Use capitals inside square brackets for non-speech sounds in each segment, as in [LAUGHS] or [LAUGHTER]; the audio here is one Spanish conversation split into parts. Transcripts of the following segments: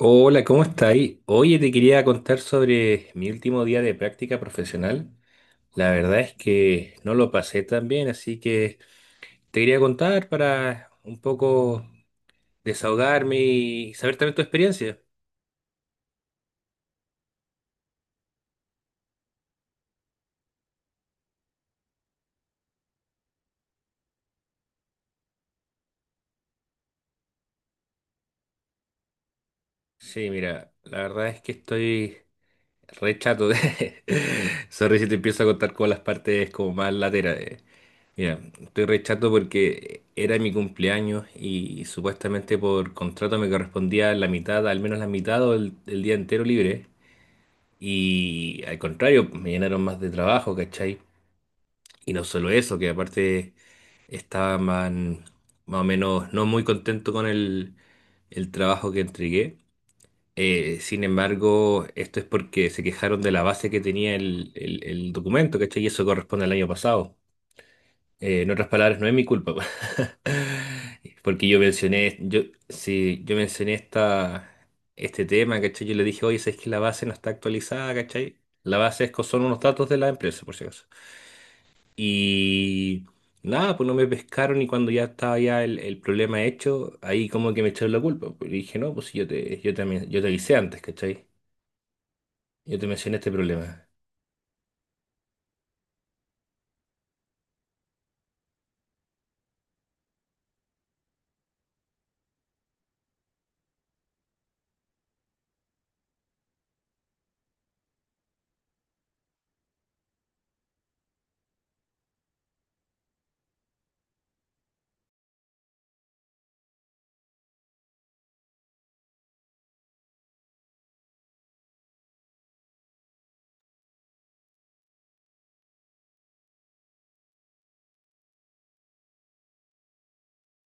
Hola, ¿cómo estáis? Oye, te quería contar sobre mi último día de práctica profesional. La verdad es que no lo pasé tan bien, así que te quería contar para un poco desahogarme y saber también tu experiencia. Sí, mira, la verdad es que estoy re chato de... [LAUGHS] Sorry si te empiezo a contar con las partes como más laterales. Mira, estoy re chato porque era mi cumpleaños y supuestamente por contrato me correspondía la mitad, al menos la mitad o el día entero libre. Y al contrario, me llenaron más de trabajo, ¿cachai? Y no solo eso, que aparte estaban más o menos no muy contento con el trabajo que entregué. Sin embargo, esto es porque se quejaron de la base que tenía el documento, ¿cachai? Y eso corresponde al año pasado. En otras palabras, no es mi culpa, [LAUGHS] porque sí, yo mencioné este tema, ¿cachai? Yo le dije, oye, ¿sabes que la base no está actualizada? ¿Cachai? La base es, son unos datos de la empresa, por si acaso. Y nada, pues no me pescaron y cuando ya estaba ya el problema hecho, ahí como que me echaron la culpa. Pues, y dije, no, pues si yo te avisé antes, ¿cachai? Yo te mencioné este problema.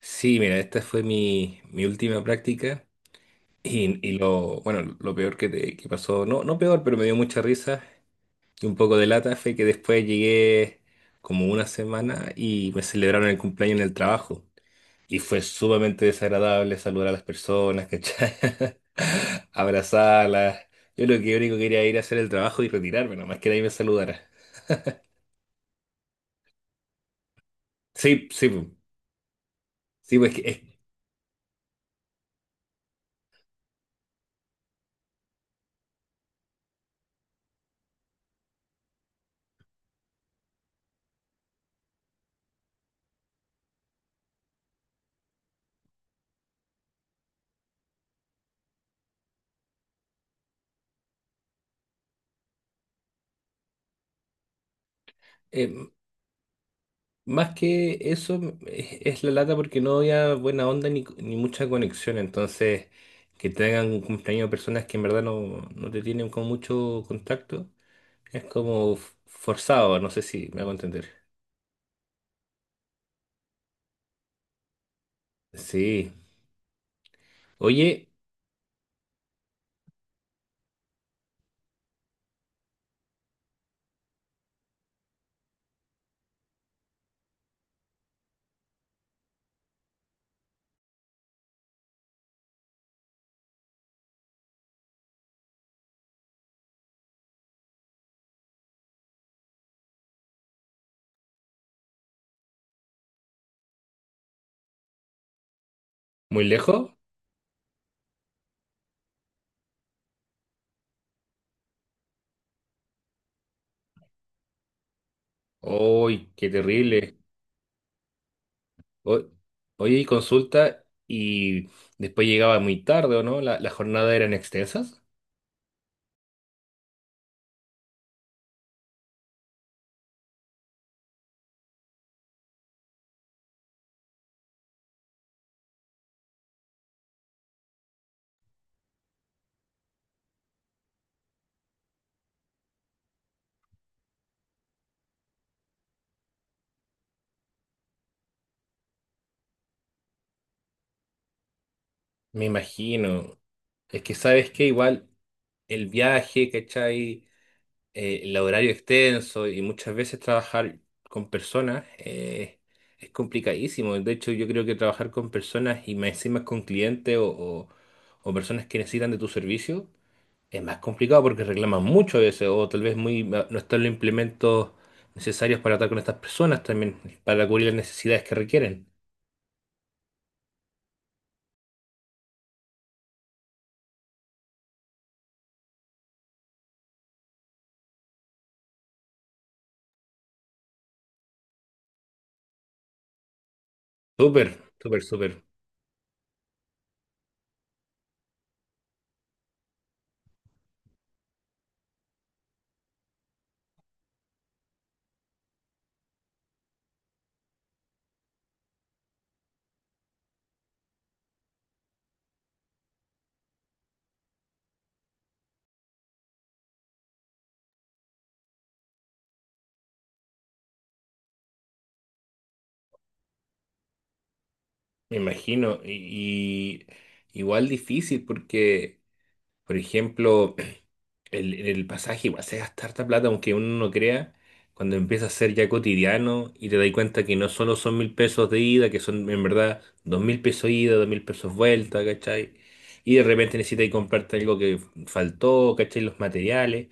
Sí, mira, esta fue mi última práctica. Y lo, bueno, lo peor que, que pasó, no, no peor, pero me dio mucha risa y un poco de lata fue que después llegué como una semana y me celebraron el cumpleaños en el trabajo. Y fue sumamente desagradable saludar a las personas, ¿cachai? [LAUGHS] Abrazarlas. Yo lo que único que quería era ir a hacer el trabajo y retirarme, nomás que nadie me saludara. Sí, sí, pu. sí, pues que, eh, Más que eso, es la lata porque no había buena onda ni, ni mucha conexión. Entonces, que tengan un cumpleaños de personas que en verdad no, no te tienen con mucho contacto, es como forzado. No sé si me hago entender. Sí. Oye, ¿muy lejos? ¡Uy, qué terrible! O- Oye, y consulta, y después llegaba muy tarde, ¿o no? Las jornadas eran extensas. Me imagino. Es que sabes que igual el viaje, ¿cachai? El horario extenso y muchas veces trabajar con personas es complicadísimo. De hecho, yo creo que trabajar con personas y más encima con clientes o personas que necesitan de tu servicio es más complicado porque reclaman mucho a veces o tal vez no están los implementos necesarios para tratar con estas personas también, para cubrir las necesidades que requieren. Súper, súper, súper, me imagino. Y igual difícil porque, por ejemplo, el pasaje igual se gasta harta plata, aunque uno no crea, cuando empieza a ser ya cotidiano y te das cuenta que no solo son 1.000 pesos de ida, que son en verdad 2.000 pesos ida, 2.000 pesos vuelta, ¿cachai? Y de repente necesitas comprarte algo que faltó, ¿cachai? Los materiales.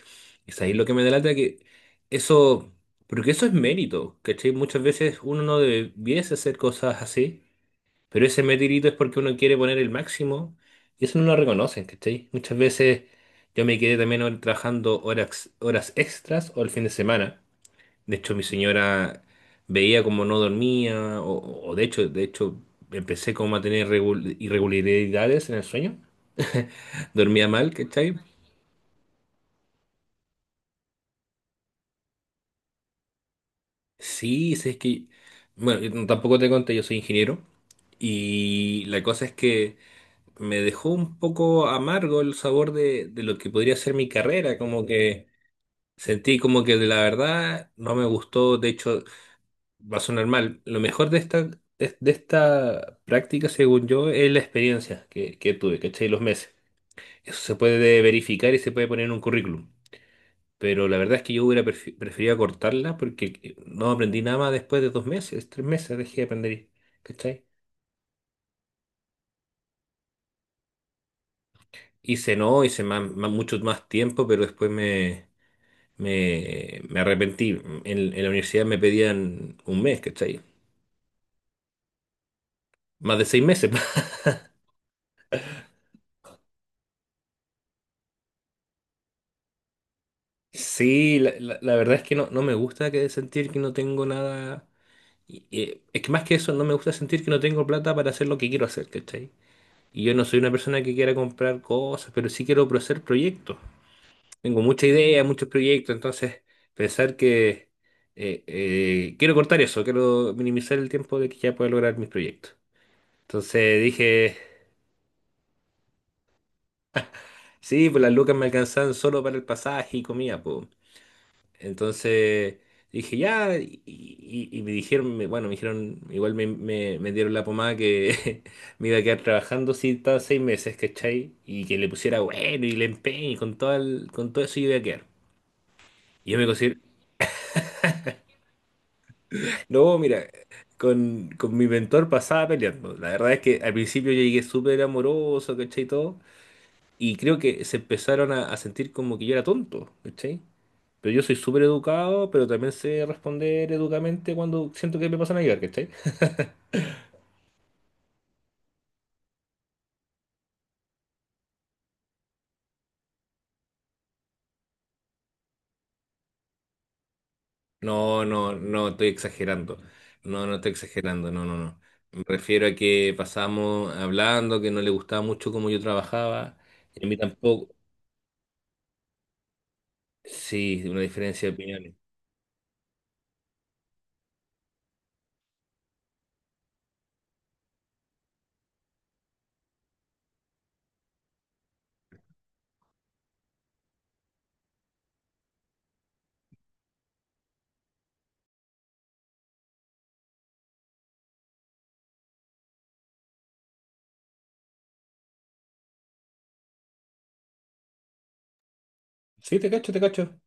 Es ahí lo que me delata que eso, porque eso es mérito, ¿cachai? Muchas veces uno no debiese hacer cosas así, pero ese metirito es porque uno quiere poner el máximo y eso no lo reconocen, ¿cachai? Muchas veces yo me quedé también trabajando horas, horas extras o el fin de semana. De hecho, mi señora veía como no dormía o de hecho empecé como a tener irregularidades en el sueño. [LAUGHS] Dormía mal, ¿cachai? Sí, sí, es que, bueno, yo tampoco te conté, yo soy ingeniero y la cosa es que... me dejó un poco amargo el sabor de lo que podría ser mi carrera, como que sentí como que de la verdad no me gustó, de hecho va a sonar mal. Lo mejor de esta práctica, según yo, es la experiencia que tuve, ¿cachai? Los meses. Eso se puede verificar y se puede poner en un currículum. Pero la verdad es que yo hubiera preferido cortarla porque no aprendí nada más después de 2 meses, 3 meses dejé de aprender, ¿cachai? Hice no, hice mucho más tiempo, pero después me arrepentí. En la universidad me pedían un mes, ¿cachai? Más de 6 meses. [LAUGHS] Sí, la verdad es que no, no me gusta que sentir que no tengo nada. Y es que más que eso, no me gusta sentir que no tengo plata para hacer lo que quiero hacer, ¿cachai? Y yo no soy una persona que quiera comprar cosas, pero sí quiero hacer proyectos. Tengo mucha idea, muchos proyectos, entonces pensar que quiero cortar eso, quiero minimizar el tiempo de que ya pueda lograr mis proyectos. Entonces dije. Sí, pues las lucas me alcanzaban solo para el pasaje y comida, pues. Entonces dije, ya, y me dijeron, bueno, me dijeron, igual me dieron la pomada que [LAUGHS] me iba a quedar trabajando si estaba 6 meses, ¿cachai? Y que le pusiera bueno y le empeño y con todo, con todo eso yo iba a quedar. Y yo me considero, [LAUGHS] no, mira, con mi mentor pasaba peleando. La verdad es que al principio yo llegué súper amoroso, ¿cachai? Y todo. Y creo que se empezaron a sentir como que yo era tonto, ¿cachai? Pero yo soy súper educado, pero también sé responder educadamente cuando siento que me pasan a llegar, ¿cachai? No, no, no, estoy exagerando. No, no estoy exagerando, no, no, no. Me refiero a que pasamos hablando, que no le gustaba mucho cómo yo trabajaba, y a mí tampoco. Sí, una diferencia de opiniones. Sí, te cacho, te cacho.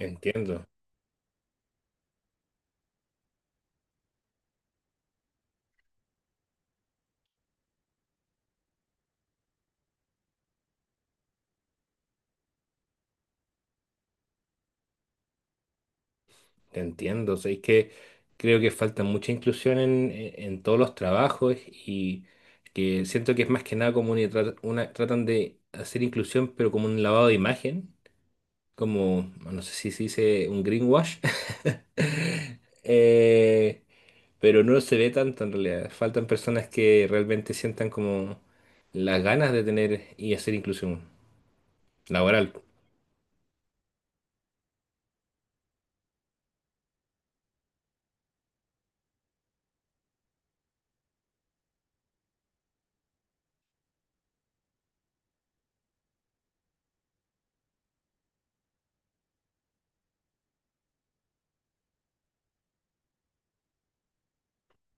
Entiendo. Te entiendo, o sea, es que creo que falta mucha inclusión en todos los trabajos y que siento que es más que nada como tratan de hacer inclusión, pero como un lavado de imagen, como, no sé si se dice un greenwash. [LAUGHS] Eh, pero no se ve tanto en realidad. Faltan personas que realmente sientan como las ganas de tener y hacer inclusión laboral.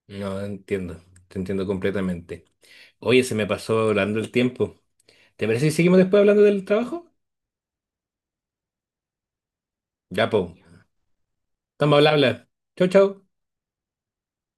No entiendo, te entiendo completamente. Oye, se me pasó volando el tiempo. ¿Te parece si seguimos después hablando del trabajo? Ya, po. Estamos, habla, habla. Chau, chau.